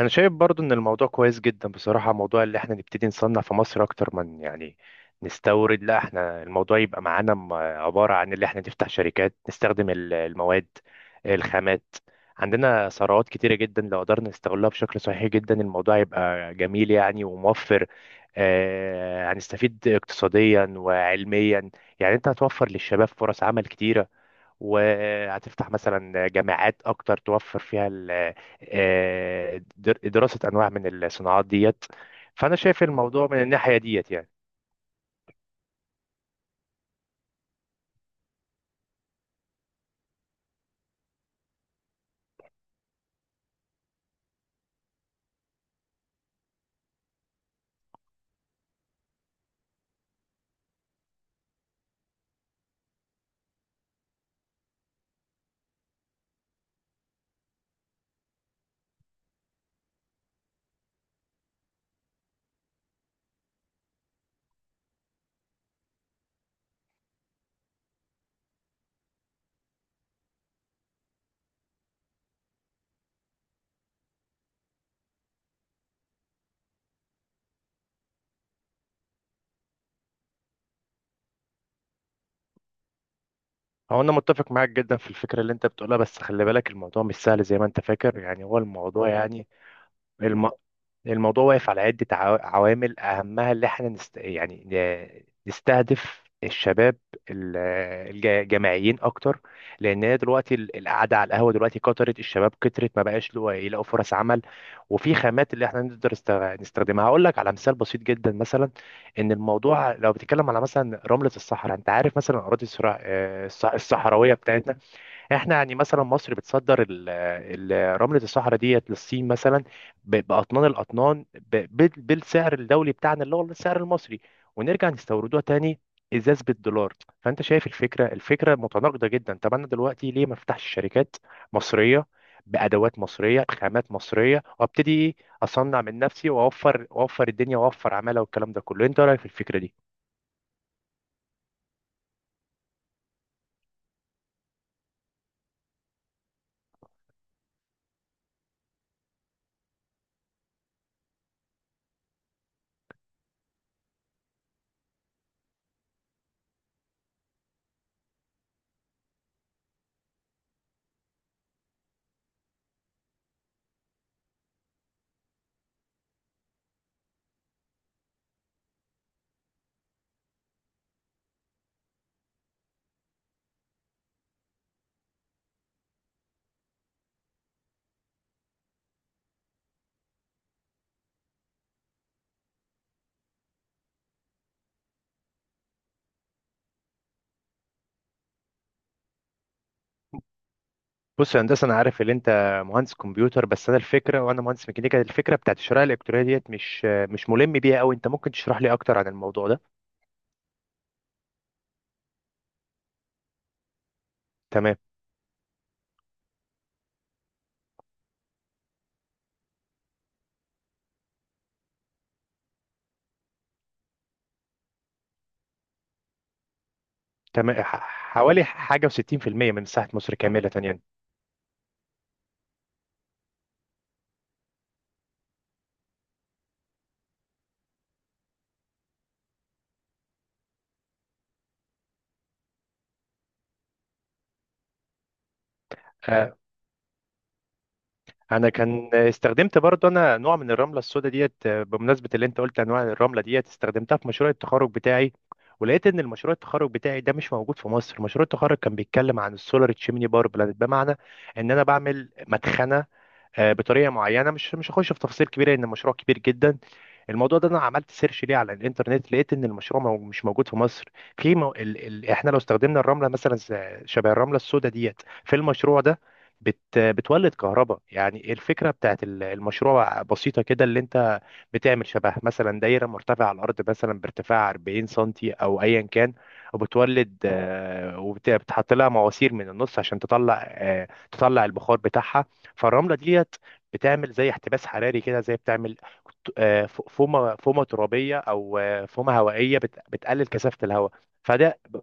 انا شايف برضو ان الموضوع كويس جدا بصراحة. موضوع اللي احنا نبتدي نصنع في مصر اكتر من يعني نستورد. لا، احنا الموضوع يبقى معانا عبارة عن اللي احنا نفتح شركات نستخدم المواد، الخامات. عندنا ثروات كتيرة جدا، لو قدرنا نستغلها بشكل صحيح جدا الموضوع يبقى جميل يعني، وموفر. هنستفيد اقتصاديا وعلميا. يعني انت هتوفر للشباب فرص عمل كتيرة، وهتفتح مثلا جامعات اكتر توفر فيها دراسة انواع من الصناعات ديت. فانا شايف الموضوع من الناحية ديت يعني. هو انا متفق معاك جدا في الفكرة اللي انت بتقولها، بس خلي بالك الموضوع مش سهل زي ما انت فاكر. يعني هو الموضوع يعني الم... الموضوع واقف على عدة عوامل، أهمها اللي احنا نستهدف الشباب ال- الجامعيين أكتر. لأن هي دلوقتي القعدة على القهوة دلوقتي كترت، الشباب كترت ما بقاش يلاقوا فرص عمل. وفي خامات اللي احنا نقدر نستخدمها. هقول لك على مثال بسيط جدا مثلا، إن الموضوع لو بتتكلم على مثلا رملة الصحراء. أنت عارف مثلا أراضي الصحراوية بتاعتنا؟ احنا يعني مثلا مصر بتصدر رملة الصحراء ديت للصين مثلا، بأطنان الأطنان، بالسعر الدولي بتاعنا اللي هو السعر المصري، ونرجع نستوردوها تاني ازاز بالدولار. فانت شايف الفكره متناقضه جدا. طب انا دلوقتي ليه ما افتحش شركات مصريه، بادوات مصريه، بخامات مصريه، وابتدي ايه اصنع من نفسي، واوفر، واوفر الدنيا، واوفر عماله، والكلام ده كله؟ انت رايك في الفكره دي؟ بص يا هندسه، انا عارف ان انت مهندس كمبيوتر، بس انا الفكره، وانا مهندس ميكانيكا الفكره بتاعت الشرائح الالكترونيه ديت مش ملم بيها قوي. انت ممكن تشرح لي اكتر عن الموضوع ده؟ تمام. تمام ح- حوالي حاجه و60% من مساحه مصر كامله يعني. آه، انا كان استخدمت برضه انا نوع من الرمله السوداء ديت، بمناسبه اللي انت قلت انواع الرمله ديت، استخدمتها في مشروع التخرج بتاعي. ولقيت ان المشروع التخرج بتاعي ده مش موجود في مصر. مشروع التخرج كان بيتكلم عن السولار تشيمني بار بلانت، بمعنى ان انا بعمل مدخنه بطريقه معينه. مش هخش في تفاصيل كبيره لان المشروع كبير جدا. الموضوع ده انا عملت سيرش ليه على الانترنت، لقيت ان المشروع مش موجود في مصر. في مو... ال... ال... احنا لو استخدمنا الرمله مثلا شبه الرمله السوداء ديت في المشروع ده بتولد كهرباء. يعني الفكره بتاعت المشروع بسيطه كده، اللي انت بتعمل شبه مثلا دايره مرتفعه على الارض مثلا بارتفاع 40 سنتي او ايا كان، وبتولد آه، وبتحط لها مواسير من النص عشان تطلع، تطلع البخار بتاعها. فالرمله ديت بتعمل زي احتباس حراري كده، زي بتعمل فومه ترابيه، او فومه هوائيه بتقلل كثافه الهواء. فده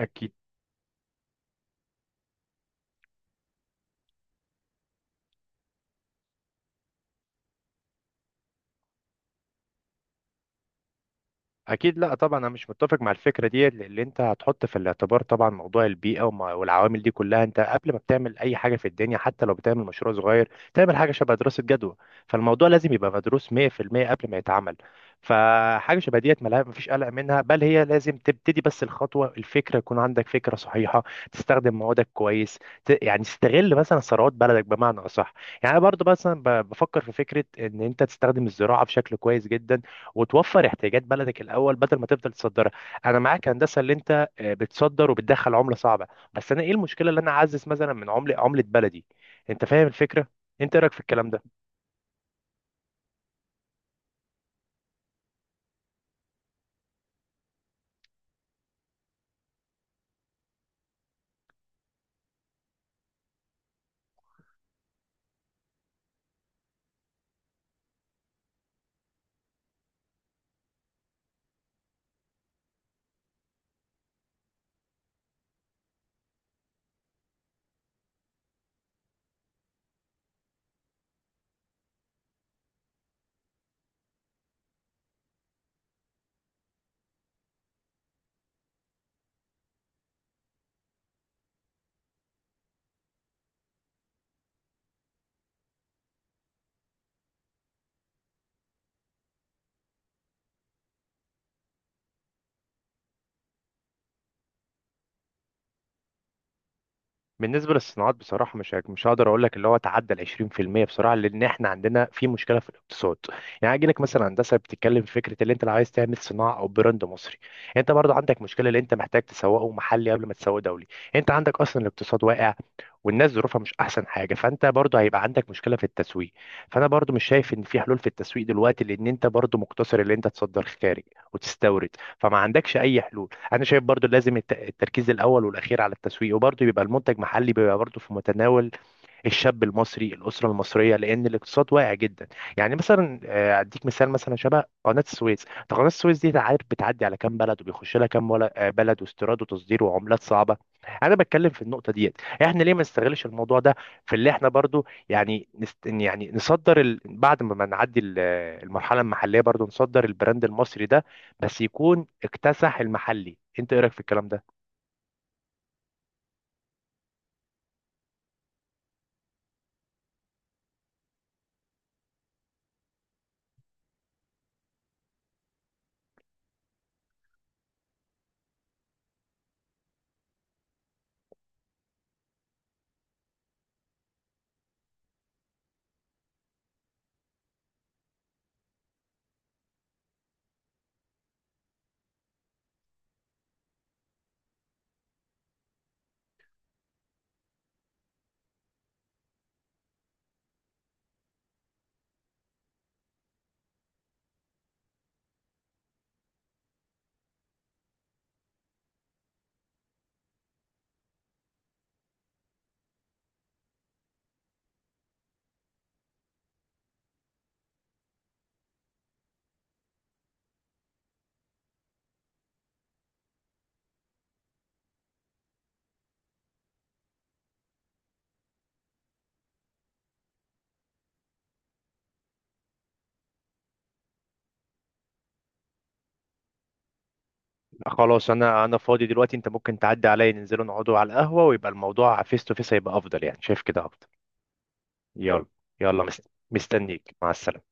أكيد. اكيد، لا طبعا انا مش متفق مع الفكره دي. اللي انت هتحط في الاعتبار طبعا موضوع البيئه والعوامل دي كلها. انت قبل ما بتعمل اي حاجه في الدنيا، حتى لو بتعمل مشروع صغير، تعمل حاجه شبه دراسه جدوى. فالموضوع لازم يبقى مدروس 100% قبل ما يتعمل. فحاجه شبه ديت مفيش قلق منها، بل هي لازم تبتدي، بس الخطوه الفكره يكون عندك فكره صحيحه، تستخدم موادك كويس، يعني تستغل مثلا ثروات بلدك بمعنى اصح. يعني أنا برضو مثلا بفكر في فكره ان انت تستخدم الزراعه بشكل كويس جدا، وتوفر احتياجات بلدك الاول بدل ما تفضل تصدرها. انا معاك هندسه اللي انت بتصدر وبتدخل عمله صعبه، بس انا ايه المشكله اللي انا اعزز مثلا من عمله، عمله بلدي. انت فاهم الفكره؟ انت إيه رايك في الكلام ده؟ بالنسبة للصناعات بصراحة، مش هقدر أقول لك اللي هو تعدى ال 20% بصراحة، لأن إحنا عندنا في مشكلة في الاقتصاد. يعني هاجي لك مثلا هندسة، بتتكلم في فكرة اللي أنت لو عايز تعمل صناعة أو براند مصري، أنت برضو عندك مشكلة اللي أنت محتاج تسوقه محلي قبل ما تسوقه دولي. أنت عندك أصلا الاقتصاد واقع، والناس ظروفها مش أحسن حاجة، فأنت برضو هيبقى عندك مشكلة في التسويق. فأنا برضو مش شايف إن في حلول في التسويق دلوقتي، لأن أنت برضو مقتصر اللي أنت تصدر خارج وتستورد، فما عندكش أي حلول. انا شايف برضو لازم التركيز الاول والاخير على التسويق، وبرضو يبقى المنتج محلي بيبقى برضو في متناول الشاب المصري، الاسره المصريه، لان الاقتصاد واقع جدا. يعني مثلا اديك مثال مثلا شبه قناه السويس. طب قناه السويس دي عارف بتعدي على كام بلد، وبيخش لها كام بلد، واستيراد وتصدير وعملات صعبه. انا بتكلم في النقطه ديت، احنا ليه ما نستغلش الموضوع ده في اللي احنا برضو يعني نصدر، بعد ما نعدي المرحله المحليه برضو نصدر البراند المصري ده، بس يكون اكتسح المحلي. انت ايه رايك في الكلام ده؟ خلاص، انا فاضي دلوقتي. انت ممكن تعدي عليا، ننزلوا نقعدوا على القهوة، ويبقى الموضوع فيس تو فيس، هيبقى افضل يعني. شايف كده افضل. يلا، يلا يلا، ماشي. مستنيك، مع السلامة.